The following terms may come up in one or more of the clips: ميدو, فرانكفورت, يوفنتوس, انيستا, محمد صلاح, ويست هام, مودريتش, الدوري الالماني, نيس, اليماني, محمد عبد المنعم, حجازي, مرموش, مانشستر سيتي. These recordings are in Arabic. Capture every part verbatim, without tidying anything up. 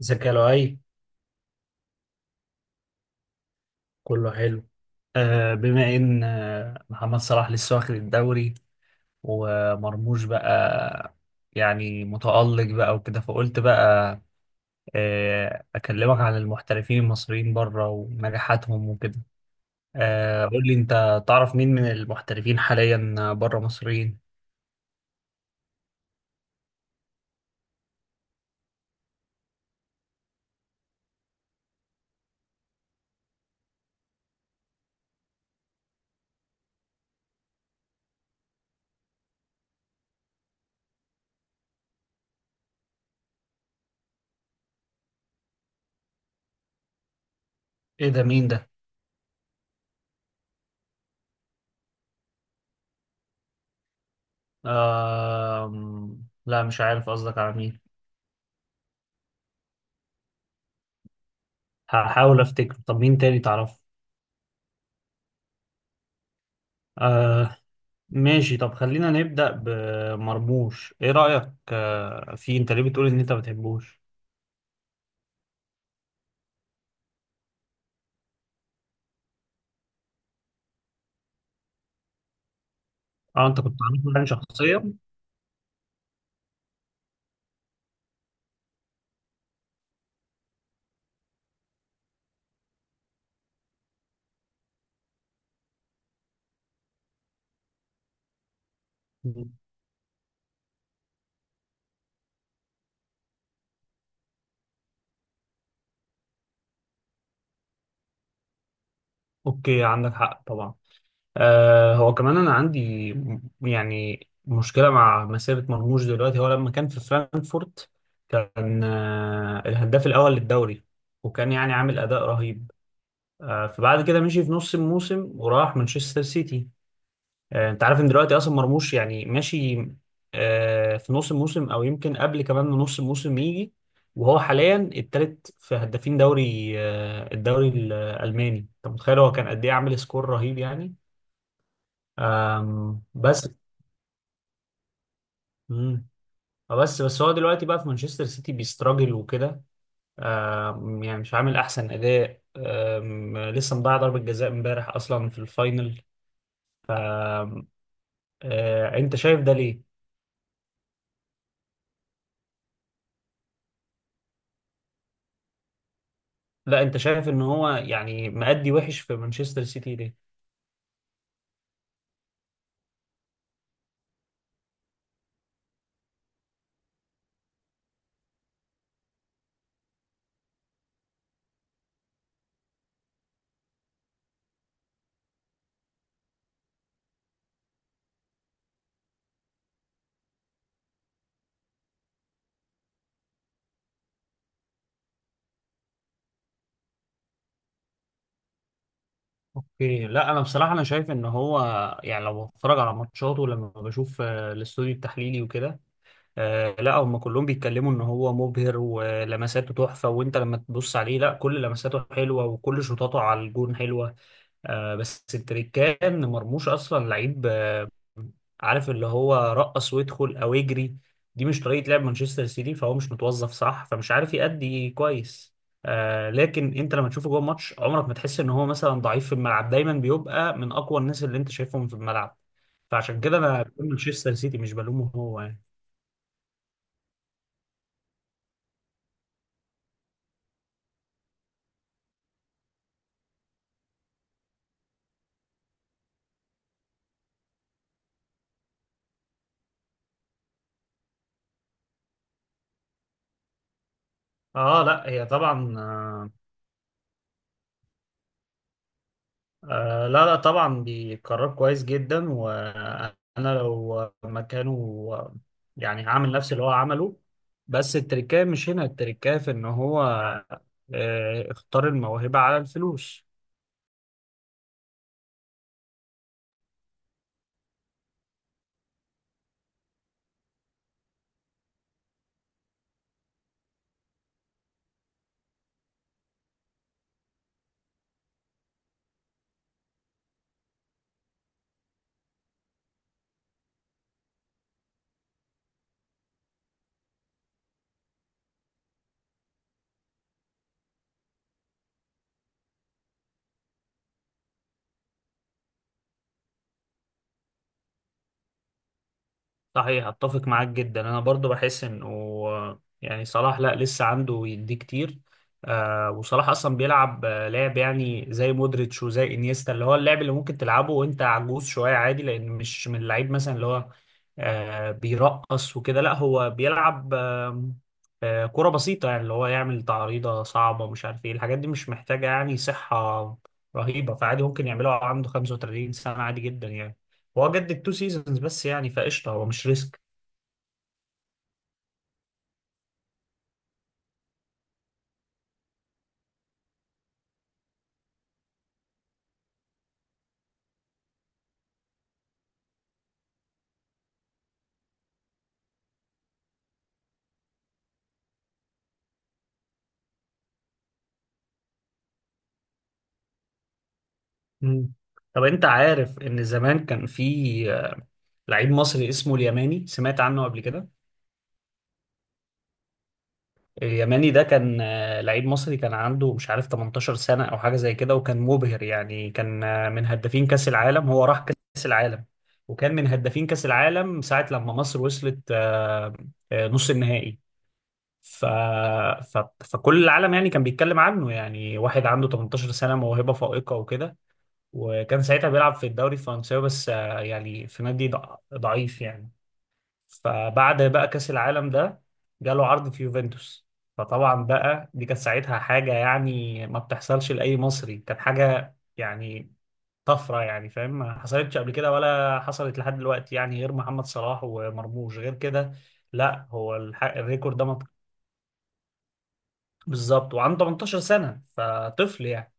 ازيك يا لؤي؟ كله حلو. آه بما ان آه، محمد صلاح لسه واخد الدوري، ومرموش بقى يعني متألق بقى وكده، فقلت بقى آه اكلمك عن المحترفين المصريين بره ونجاحاتهم وكده. آه قول لي، انت تعرف مين من المحترفين حاليا بره مصريين؟ ايه ده؟ مين ده؟ آه، لا مش عارف قصدك على مين. هحاول افتكر. طب مين تاني تعرفه؟ آه، ماشي. طب خلينا نبدأ بمرموش. ايه رأيك آه، في انت ليه بتقول ان انت ما بتحبوش؟ اه، انت كنت عامل يعني شخصيا؟ اوكي، عندك حق طبعا. آه هو كمان انا عندي م- يعني مشكلة مع مسيرة مرموش. دلوقتي هو لما كان في فرانكفورت كان آه الهداف الأول للدوري، وكان يعني عامل أداء رهيب. آه فبعد كده مشي في نص الموسم وراح مانشستر سيتي. آه، انت عارف ان دلوقتي اصلا مرموش يعني ماشي آه، في نص الموسم، او يمكن قبل كمان من نص الموسم يجي، وهو حاليا التالت في هدافين دوري آه، الدوري الالماني. انت متخيل هو كان قد ايه عامل سكور رهيب يعني. آم، بس مم. بس بس هو دلوقتي بقى في مانشستر سيتي بيستراجل وكده. آم، يعني مش عامل احسن اداء. آم، لسه مضيع ضربة جزاء امبارح اصلا في الفاينل. ف آه، انت شايف ده ليه؟ لا، انت شايف ان هو يعني مأدي وحش في مانشستر سيتي ليه؟ اوكي، لا انا بصراحه انا شايف ان هو يعني لو بتفرج على ماتشاته، لما بشوف آه، الاستوديو التحليلي وكده، آه، لا هم كلهم بيتكلموا ان هو مبهر ولمساته تحفه. وانت لما تبص عليه، لا كل لمساته حلوه وكل شوطاته على الجون حلوه. آه بس التريكان ان مرموش اصلا لعيب آه، عارف اللي هو رقص ويدخل او يجري، دي مش طريقة لعب مانشستر سيتي، فهو مش متوظف صح فمش عارف يأدي كويس. آه لكن انت لما تشوفه جوه الماتش عمرك ما تحس ان هو مثلا ضعيف في الملعب، دايما بيبقى من اقوى الناس اللي انت شايفهم في الملعب. فعشان كده انا بقول مانشستر سيتي مش بلومه، هو يعني. اه لا، هي طبعا آه، آه لا لا طبعا بيقرر كويس جدا. وانا لو مكانه يعني هعمل نفس اللي هو عمله. بس التركية مش هنا، التركية في ان هو آه اختار الموهبة على الفلوس. صحيح، اتفق معاك جدا، انا برضو بحس انه يعني صلاح لا، لسه عنده يديه كتير. آه وصلاح اصلا بيلعب آه، لعب يعني زي مودريتش وزي انيستا، اللي هو اللعب اللي ممكن تلعبه وانت عجوز شويه عادي، لان مش من اللعيب مثلا اللي هو آه بيرقص وكده، لا هو بيلعب آه آه كرة بسيطه يعني، اللي هو يعمل تعريضه صعبه، مش عارف ايه الحاجات دي، مش محتاجه يعني صحه رهيبه. فعادي ممكن يعملها وهو عنده خمسة وتلاتين سنه عادي جدا يعني. هو جدد تو سيزونز بس يعني، فقشطه هو مش ريسك. مم. طب انت عارف ان زمان كان في لعيب مصري اسمه اليماني، سمعت عنه قبل كده؟ اليماني ده كان آه، لعيب مصري كان عنده مش عارف تمنتاشر سنة او حاجة زي كده، وكان مبهر يعني، كان آه، من هدافين كأس العالم. هو راح كأس العالم وكان من هدافين كأس العالم ساعة لما مصر وصلت آه، آه، نص النهائي. ف... ف... فكل العالم يعني كان بيتكلم عنه، يعني واحد عنده تمنتاشر سنة موهبة فائقة وكده، وكان ساعتها بيلعب في الدوري الفرنساوي بس آه، يعني في نادي ضع- ضعيف يعني. فبعد بقى كأس العالم ده، جاله عرض في يوفنتوس. فطبعا بقى دي كانت ساعتها حاجة يعني ما بتحصلش لأي مصري، كانت حاجة يعني طفرة يعني، فاهم، ما حصلتش قبل كده ولا حصلت لحد دلوقتي يعني غير محمد صلاح ومرموش، غير كده لا. هو الح- الريكورد ده منطق- بالظبط. وعنده تمنتاشر سنة، فطفل يعني.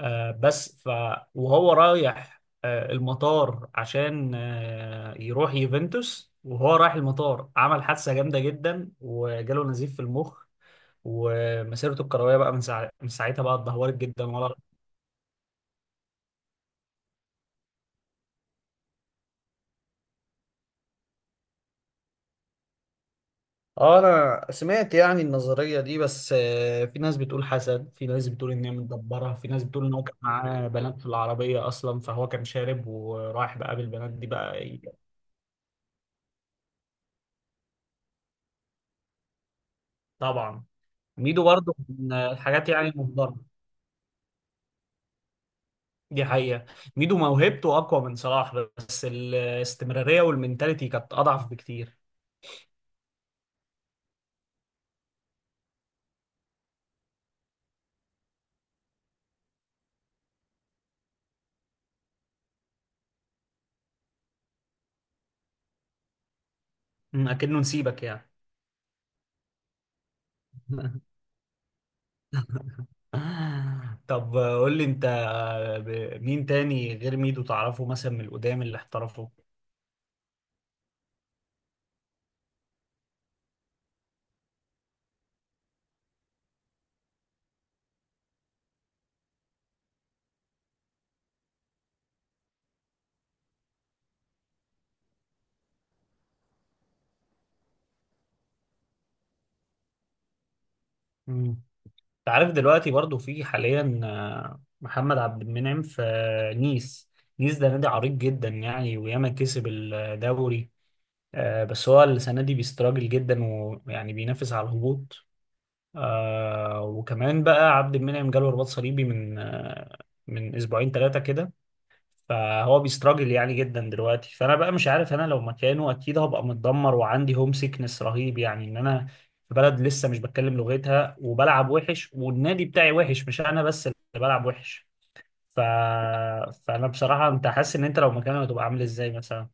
آه، بس ف وهو رايح آه، المطار عشان آه، يروح يوفنتوس، وهو رايح المطار عمل حادثة جامدة جدا وجاله نزيف في المخ. ومسيرته الكروية بقى من ساعة من ساعتها بقى اتدهورت جدا ولا. اه، انا سمعت يعني النظرية دي، بس آه، في ناس بتقول حسد، في ناس بتقول ان هي متدبرة، في ناس بتقول ان هو كان معاه بنات في العربية اصلا، فهو كان شارب ورايح بقى بالبنات دي بقى ي- طبعا. ميدو برضه من الحاجات يعني المهدرة. دي حقيقة. ميدو موهبته أقوى من صلاح، بس الاستمرارية والمنتاليتي كانت أضعف بكتير. أمم، أكنه نسيبك يعني طب قول لي أنت، ب- مين تاني غير ميدو تعرفه مثلا من القدام اللي احترفه؟ مم. أنت عارف دلوقتي برضو في حاليا آه، محمد عبد المنعم في نيس. نيس ده نادي عريق جدا يعني وياما كسب الدوري. آه، بس هو السنة دي بيستراجل جدا، ويعني بينافس على الهبوط. آه وكمان بقى عبد المنعم جاله رباط صليبي من آه من اسبوعين ثلاثه كده. فهو بيستراجل يعني جدا دلوقتي، فانا بقى مش عارف. انا لو مكانه اكيد هبقى متدمر وعندي هوم سيكنس رهيب، يعني ان انا في بلد لسه مش بتكلم لغتها، وبلعب وحش، والنادي بتاعي وحش، مش انا بس اللي بلعب وحش. ف... فانا بصراحه، انت حاسس ان انت لو مكانه هتبقى عامل ازاي مثلا؟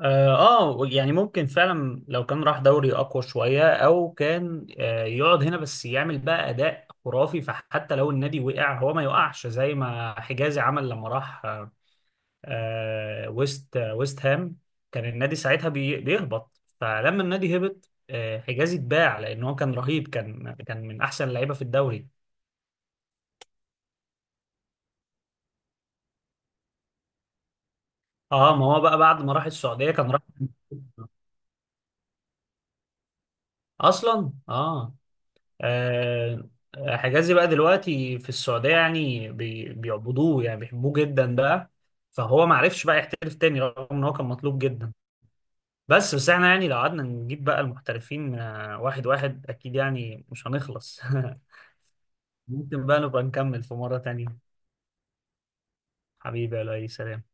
اه، آه، يعني ممكن فعلا لو كان راح دوري اقوى شويه، او كان آه يقعد هنا بس يعمل بقى اداء خرافي، فحتى لو النادي وقع هو ما يوقعش زي ما حجازي عمل لما راح آه آه، ويست آه ويست هام. كان النادي ساعتها بي بيهبط، فلما النادي هبط آه حجازي اتباع لان هو كان رهيب، كان كان من احسن اللعيبه في الدوري. اه، ما هو بقى بعد ما راح السعوديه كان راح اصلا. اه، آه، آه، حجازي بقى دلوقتي في السعودية يعني بي- بيعبدوه يعني بيحبوه جدا بقى. فهو ما عرفش بقى يحترف تاني رغم ان هو كان مطلوب جدا. بس بس احنا يعني لو قعدنا نجيب بقى المحترفين آه، واحد واحد اكيد يعني مش هنخلص ممكن بقى نبقى نكمل في مرة تانية. حبيبي يا لؤي، سلام.